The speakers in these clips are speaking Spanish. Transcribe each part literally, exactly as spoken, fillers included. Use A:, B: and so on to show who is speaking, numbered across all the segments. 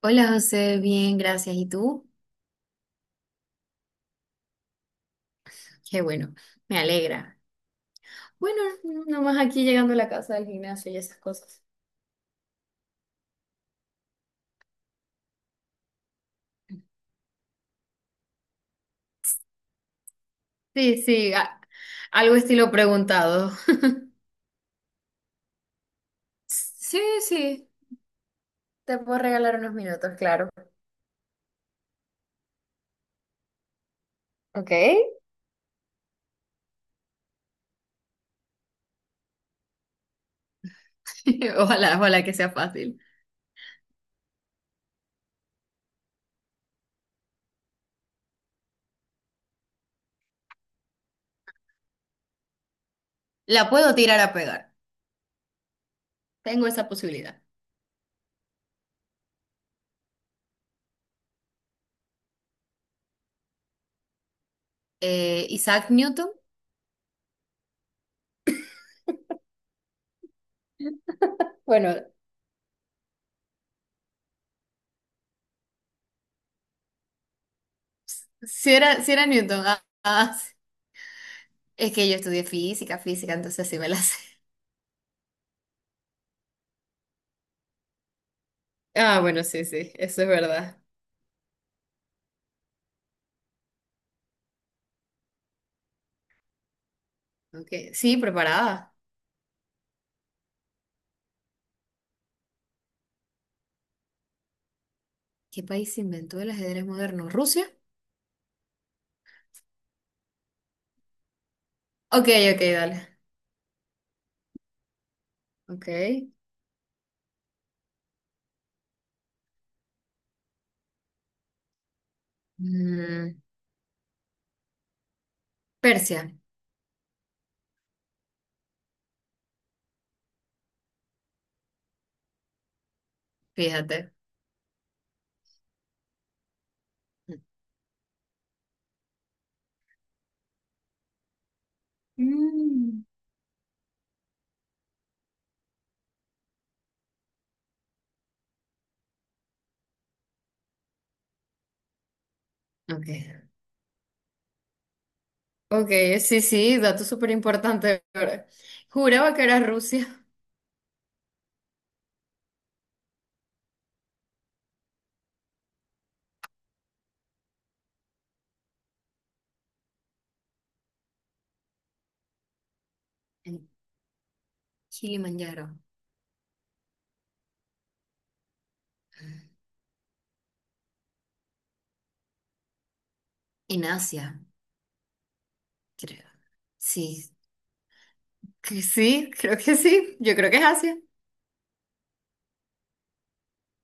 A: Hola José, bien, gracias. ¿Y tú? Qué bueno, me alegra. Bueno, nomás aquí llegando a la casa del gimnasio y esas cosas. Sí, sí, a- algo estilo preguntado. Sí, sí, te puedo regalar unos minutos, claro. Ok. Ojalá, ojalá que sea fácil. La puedo tirar a pegar. Tengo esa posibilidad. Eh, Isaac Newton. Bueno, si era, si era Newton. Ah, ah, sí, es que yo estudié física, física, entonces sí me la sé. Ah, bueno, sí, sí, eso es verdad. Ok, sí, preparada. ¿Qué país inventó el ajedrez moderno? ¿Rusia? Ok, ok, dale. Ok. Mm, Persia, fíjate. Mm. Ok. Ok, sí, sí, dato súper importante. Juraba que era Rusia. En Kilimanjaro. En Asia, creo. Sí, que sí, creo que sí. Yo creo que es Asia.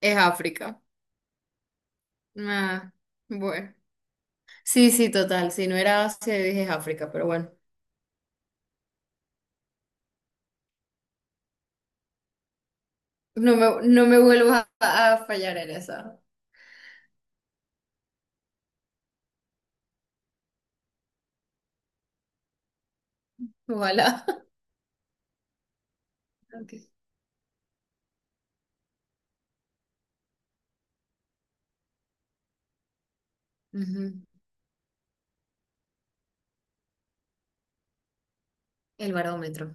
A: Es África. Ah, bueno. Sí, sí, total. Si no era Asia, yo dije es África, pero bueno. No me, no me vuelvas a, a fallar en esa. Ojalá. Ok. Ujú. El barómetro.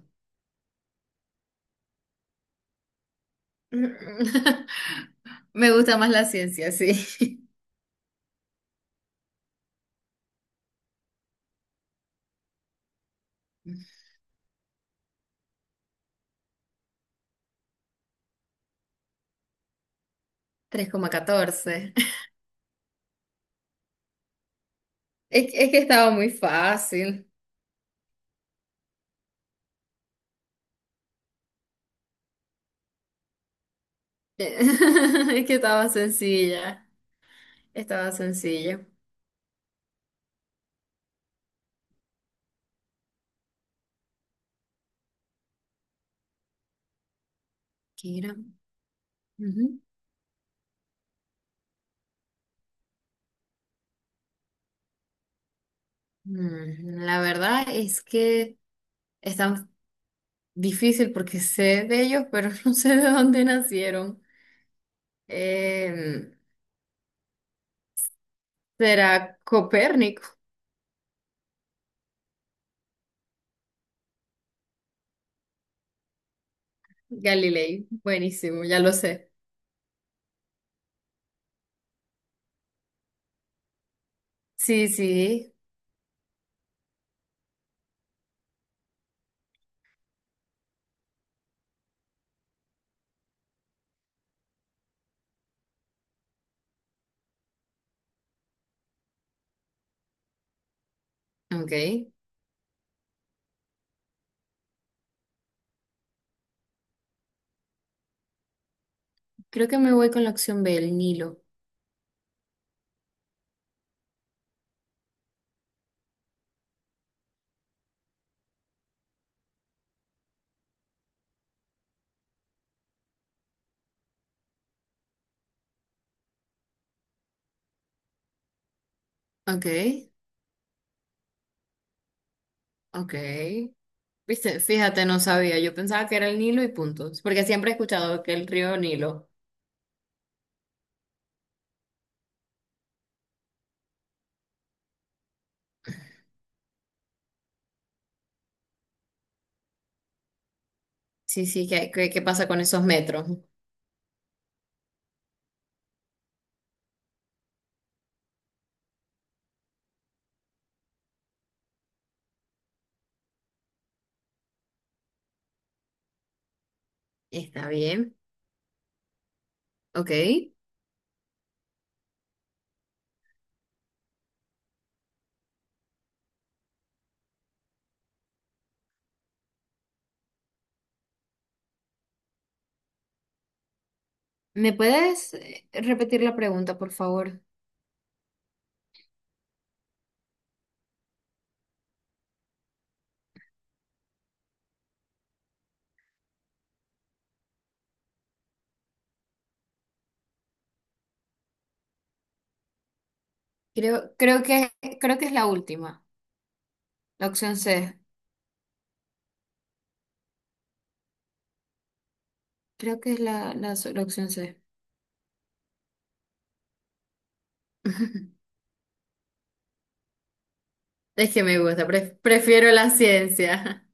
A: Me gusta más la ciencia, sí. tres coma catorce. Es, que- es que estaba muy fácil. Es que estaba sencilla. Estaba sencilla. ¿Qué era? Ujú. Mm, La verdad es que es tan difícil porque sé de ellos, pero no sé de dónde nacieron. Em, ¿será Copérnico? Galilei, buenísimo, ya lo sé. Sí, sí, ok. Creo que me voy con la opción B, el Nilo. Ok, ok. Viste, fíjate, no sabía, yo pensaba que era el Nilo y punto, porque siempre he escuchado que el río Nilo. Sí, sí, ¿qué, qué, ¿qué pasa con esos metros? Está bien, ok. ¿Me puedes eh, repetir la pregunta, por favor? Creo, creo que, creo que es la última, la opción C. Creo que es la, la so, la opción C. Es que me gusta, pref- prefiero la ciencia.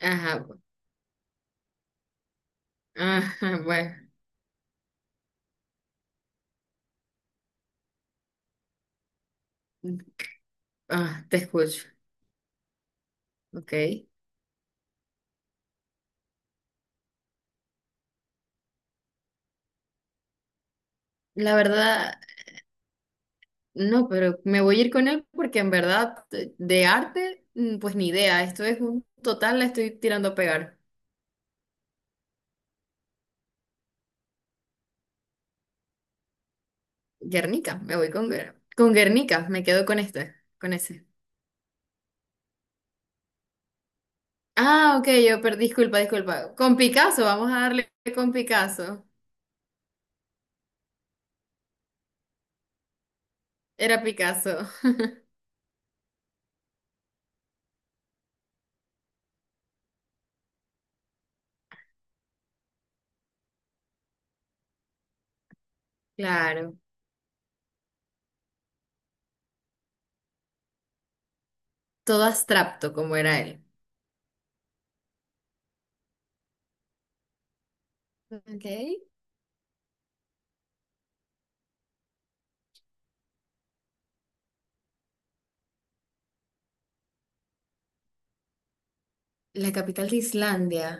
A: Ajá, bu- ajá, bueno, ah, te escucho, ok. La verdad, no, pero me voy a ir con él porque en verdad de de arte, mm, pues ni idea, esto es un total, la estoy tirando a pegar. Guernica, me voy con, Guer- con Guernica, me quedo con este, con ese. Ah, ok, yo perdí, disculpa, disculpa. Con Picasso, vamos a darle con Picasso. Era Picasso. Claro, todo abstracto como era él. Ok. La capital de Islandia.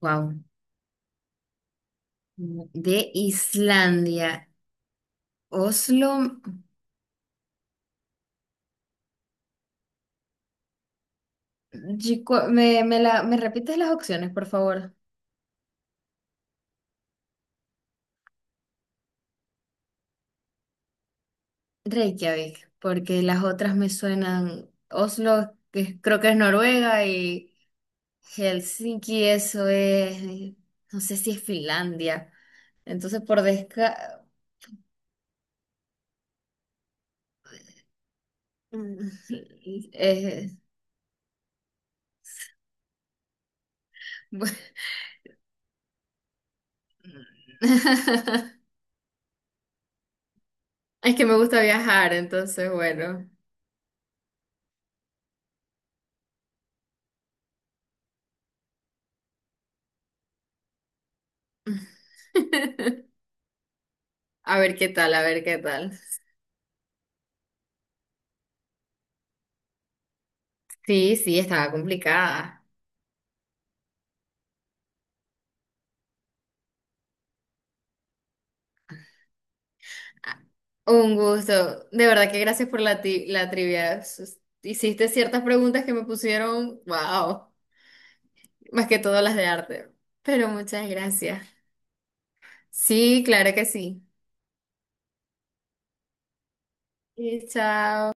A: Wow. De Islandia. Oslo. Chico- ¿Me, me la- me repites las opciones, por favor? Reykjavik, porque las otras me suenan. Oslo, que es- creo que es Noruega, y Helsinki, eso es. No sé si es Finlandia. Entonces, por desca. Mm, eh, bu- es que me gusta viajar, entonces, bueno. A ver qué tal, a ver qué tal. Sí, sí, estaba complicada. Ah, un gusto. De verdad que gracias por la, ti- la trivia. Sus- Hiciste ciertas preguntas que me pusieron, wow, más que todo las de arte. Pero muchas gracias. Sí, claro que sí. Y chao.